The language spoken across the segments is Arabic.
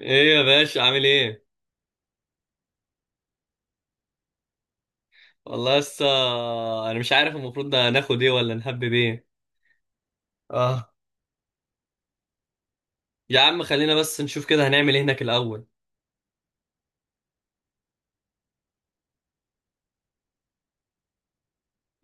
ايه يا باشا عامل ايه؟ والله لسه. انا مش عارف المفروض ده ناخد ايه ولا نهبب ايه. اه، يا عم خلينا بس نشوف كده هنعمل ايه هناك الاول.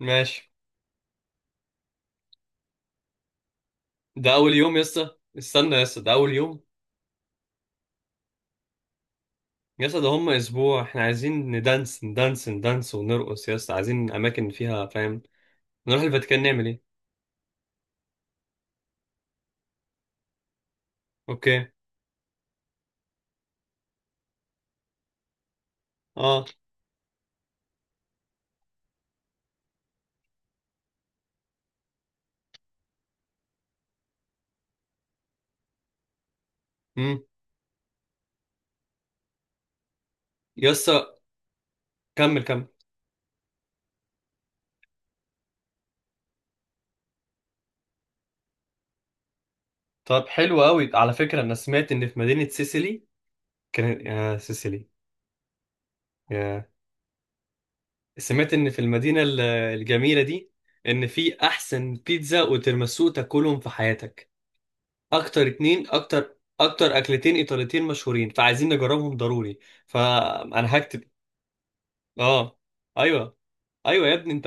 ماشي. ده اول يوم يسا، استنى يسا، ده اول يوم يسا، ده هم اسبوع احنا عايزين ندانس ندانس ندانس ونرقص يسا، عايزين اماكن فيها فاهم. نروح الفاتيكان نعمل ايه؟ اوكي. اه. امم. يسا. كمل كمل. طب حلو قوي، على فكرة انا سمعت ان في مدينة سيسيلي، كان يا سيسيلي. سمعت ان في المدينة الجميلة دي ان في احسن بيتزا وتيراميسو تاكلهم في حياتك. اكتر اتنين، اكتر اكلتين ايطاليتين مشهورين فعايزين نجربهم ضروري. فانا هكتب. اه. ايوه، ايوه يا ابني انت.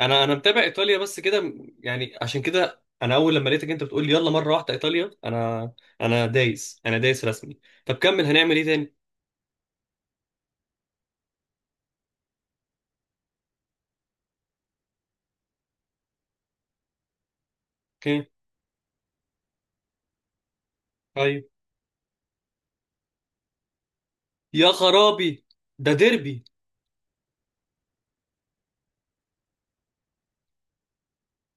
انا متابع ايطاليا بس كده، يعني عشان كده انا اول لما لقيتك انت بتقول لي يلا مرة واحدة ايطاليا، انا انا دايس، انا دايس رسمي. طب كمل، هنعمل ايه تاني؟ اوكي. طيب. يا خرابي، ده ديربي.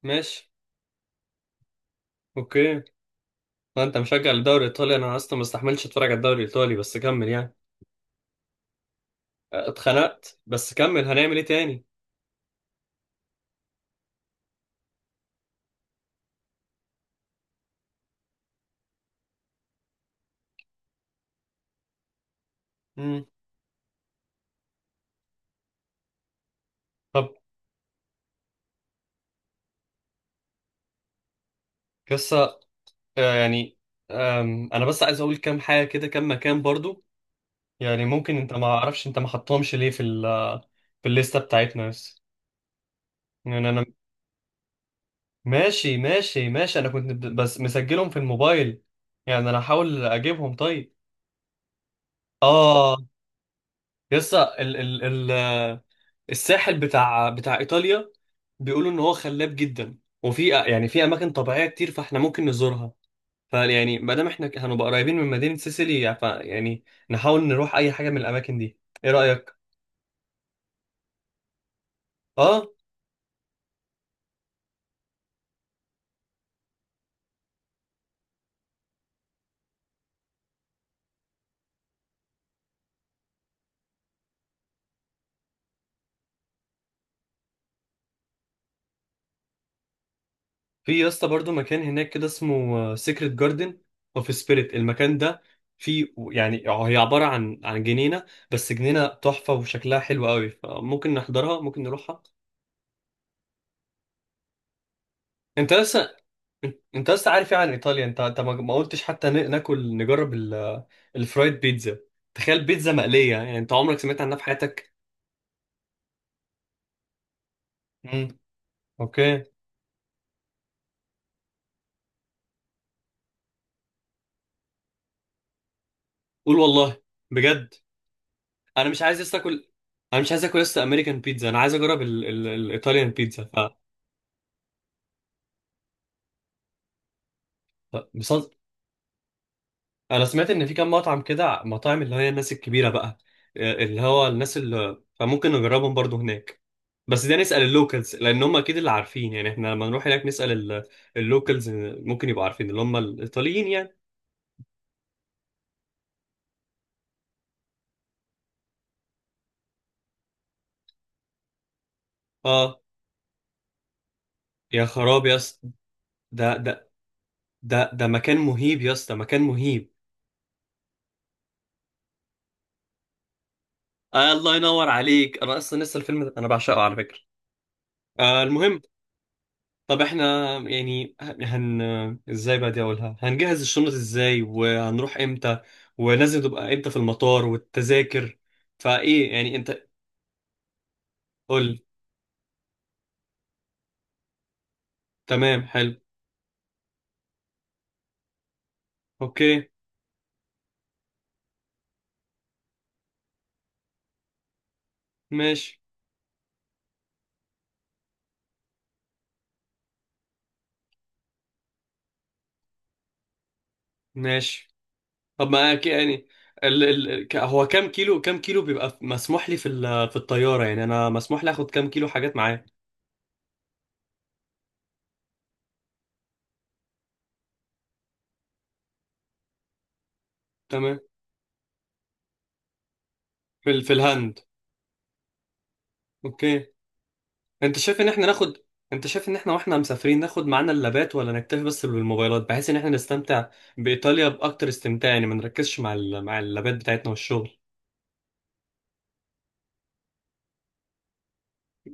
ماشي. اوكي. ما انت مشجع للدوري الايطالي، انا اصلا ما استحملتش اتفرج على الدوري الايطالي، بس كمل يعني. اه، اتخنقت، بس كمل هنعمل ايه تاني؟ امم. طب، قصة. اه، يعني انا بس عايز اقول كام حاجة كده، كام مكان برضو. يعني ممكن انت ما اعرفش انت ما حطهمش ليه في ال في الليستة بتاعتنا بس. يعني انا، ماشي ماشي. انا كنت بس مسجلهم في الموبايل، يعني انا هحاول اجيبهم. طيب. اه. لسه ال الساحل بتاع ايطاليا بيقولوا ان هو خلاب جدا، وفي يعني في اماكن طبيعيه كتير فاحنا ممكن نزورها. فيعني ما دام احنا هنبقى قريبين من مدينه سيسيلي ف يعني نحاول نروح اي حاجه من الاماكن دي. ايه رايك؟ اه. في يا اسطى برضو مكان هناك كده اسمه سيكريت جاردن اوف سبيريت، المكان ده في، يعني هي عباره عن جنينه بس جنينه تحفه وشكلها حلو قوي، فممكن نحضرها ممكن نروحها. انت لسه، انت لسه عارف ايه عن ايطاليا؟ انت انت ما قلتش حتى ناكل نجرب الفرايد بيتزا. تخيل بيتزا مقليه، يعني انت عمرك سمعت عنها في حياتك؟ امم. اوكي. قول والله. بجد. انا مش عايز لسه اكل. انا مش عايز اكل لسه امريكان بيتزا، انا عايز اجرب الايطاليان بيتزا. ف- انا سمعت ان في كام مطعم كده مطاعم اللي هي الناس الكبيره بقى، اللي هو الناس اللي فممكن نجربهم برضو هناك. بس ده نسال اللوكالز، لان هم اكيد اللي عارفين، يعني احنا لما نروح هناك نسال اللوكالز ممكن يبقوا عارفين اللي هم الايطاليين يعني. اه. يا خراب يا اسطى، ده ده ده مكان مهيب يا اسطى، مكان مهيب. آه، الله ينور عليك، انا اصلا لسه الفيلم ده انا بعشقه على فكره. آه، المهم، طب احنا يعني هن، ازاي بقى دي اقولها، هنجهز الشنط ازاي وهنروح امتى ولازم تبقى امتى في المطار والتذاكر، فايه يعني انت؟ قول. تمام حلو. اوكي. ماشي. ماشي. طب ما يعني هو كام كيلو، كام كيلو بيبقى مسموح لي في في الطيارة؟ يعني انا مسموح لي اخد كام كيلو حاجات معايا؟ تمام. في في الهند. اوكي. انت شايف ان احنا ناخد، انت شايف ان احنا واحنا مسافرين ناخد معانا اللابات ولا نكتفي بس بالموبايلات بحيث ان احنا نستمتع بايطاليا باكتر استمتاع، يعني ما نركزش مع مع اللابات بتاعتنا والشغل.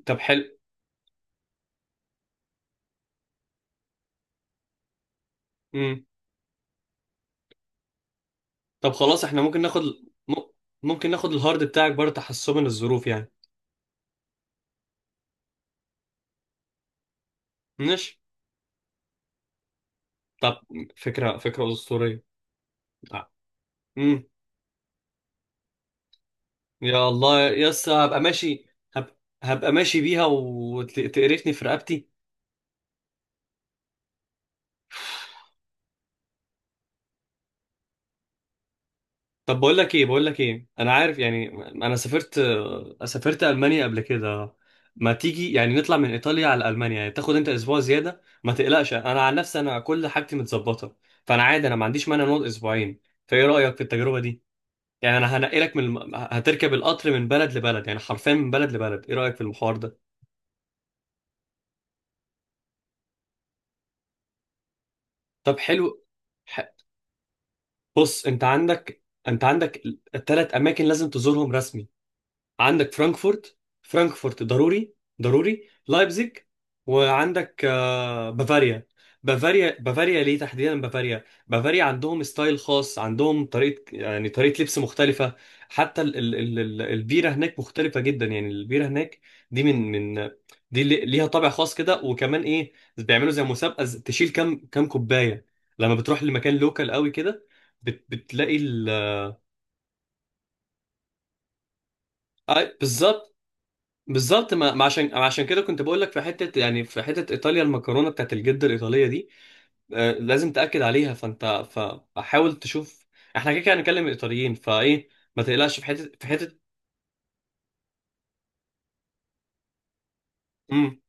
طب حلو. امم. طب خلاص، احنا ممكن ناخد، م... ممكن ناخد الهارد بتاعك برضه تحسبا للظروف يعني. ماشي. طب، فكرة، فكرة أسطورية. امم. يا الله يس، هبقى ماشي، هب... هبقى ماشي بيها وتقرفني في رقبتي. طب بقول لك ايه، بقول لك ايه، انا عارف يعني انا سافرت، سافرت المانيا قبل كده. ما تيجي يعني نطلع من ايطاليا على المانيا، يعني تاخد انت اسبوع زياده، ما تقلقش انا عن نفسي انا كل حاجتي متظبطه، فانا عادي انا ما عنديش مانع نقعد اسبوعين. فايه رايك في التجربه دي؟ يعني انا هنقلك من هتركب القطر من بلد لبلد، يعني حرفيا من بلد لبلد. ايه رايك في الحوار ده؟ طب حلو. ح- بص، انت عندك ثلاث اماكن لازم تزورهم رسمي. عندك فرانكفورت، فرانكفورت ضروري، ضروري لايبزيج، وعندك بافاريا. بافاريا، بافاريا ليه تحديدا؟ بافاريا، بافاريا عندهم ستايل خاص، عندهم طريقة يعني طريقة لبس مختلفة. حتى ال البيرة هناك مختلفة جدا، يعني البيرة هناك دي من دي ليها طابع خاص كده. وكمان ايه، بيعملوا زي مسابقة تشيل كام كوباية، لما بتروح لمكان لوكال قوي كده بتلاقي ال. بالظبط. بالظبط، ما عشان، ما عشان كده كنت بقول لك في حته، يعني في حته ايطاليا المكرونه بتاعت الجده الايطاليه دي، لازم تاكد عليها، فانت فحاول تشوف. احنا كده كده هنتكلم الايطاليين، فايه ما تقلقش، في حته. امم.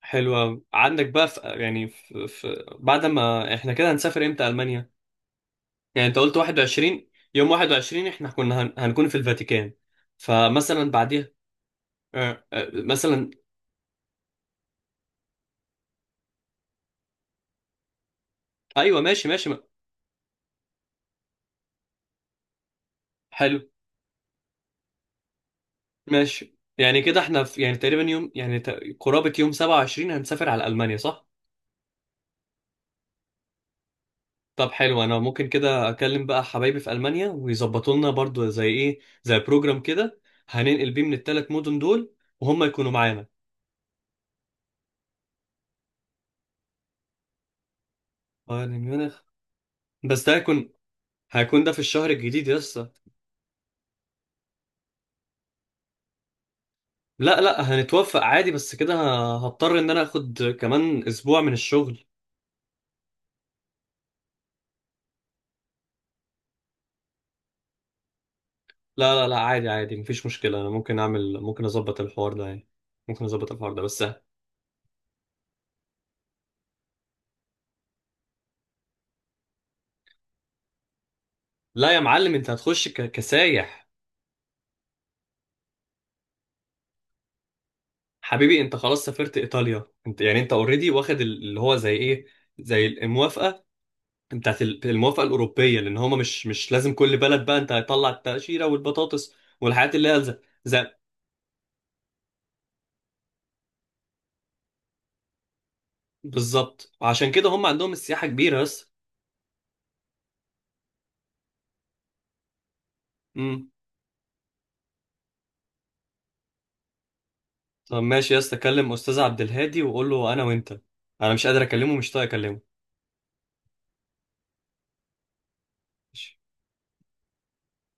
حلوه أوي. عندك بقى في يعني في في بعد ما احنا كده هنسافر امتى المانيا؟ يعني انت قلت 21، يوم 21 احنا كنا هن... هنكون في الفاتيكان، فمثلا بعديها، مثلا. ايوه ماشي ماشي. حلو. ماشي يعني كده احنا في يعني تقريبا يوم، يعني قرابة يوم 27 هنسافر على ألمانيا، صح؟ طب حلو، انا ممكن كده اكلم بقى حبايبي في ألمانيا ويظبطوا لنا برضو زي ايه زي بروجرام كده هننقل بيه من الثلاث مدن دول وهم يكونوا معانا. بايرن ميونخ، بس ده هيكون، هيكون ده في الشهر الجديد يسا. لا لا، هنتوفق عادي، بس كده هضطر ان انا اخد كمان اسبوع من الشغل. لا لا لا، عادي عادي، مفيش مشكلة، انا ممكن اعمل، ممكن اظبط الحوار ده يعني، ممكن اظبط الحوار ده بس. لا يا معلم، انت هتخش كسايح. حبيبي انت خلاص سافرت ايطاليا، انت يعني انت اوريدي واخد اللي هو زي ايه، زي الموافقه بتاعت الموافقه الاوروبيه، لان هما مش لازم كل بلد، بقى انت هتطلع التاشيره والبطاطس والحاجات اللي هي زي. بالظبط، وعشان كده هم عندهم السياحه كبيره بس. امم. طب ماشي يا اسطى، كلم استاذ عبد الهادي وقول له انا وانت، انا مش قادر اكلمه، مش طايق اكلمه.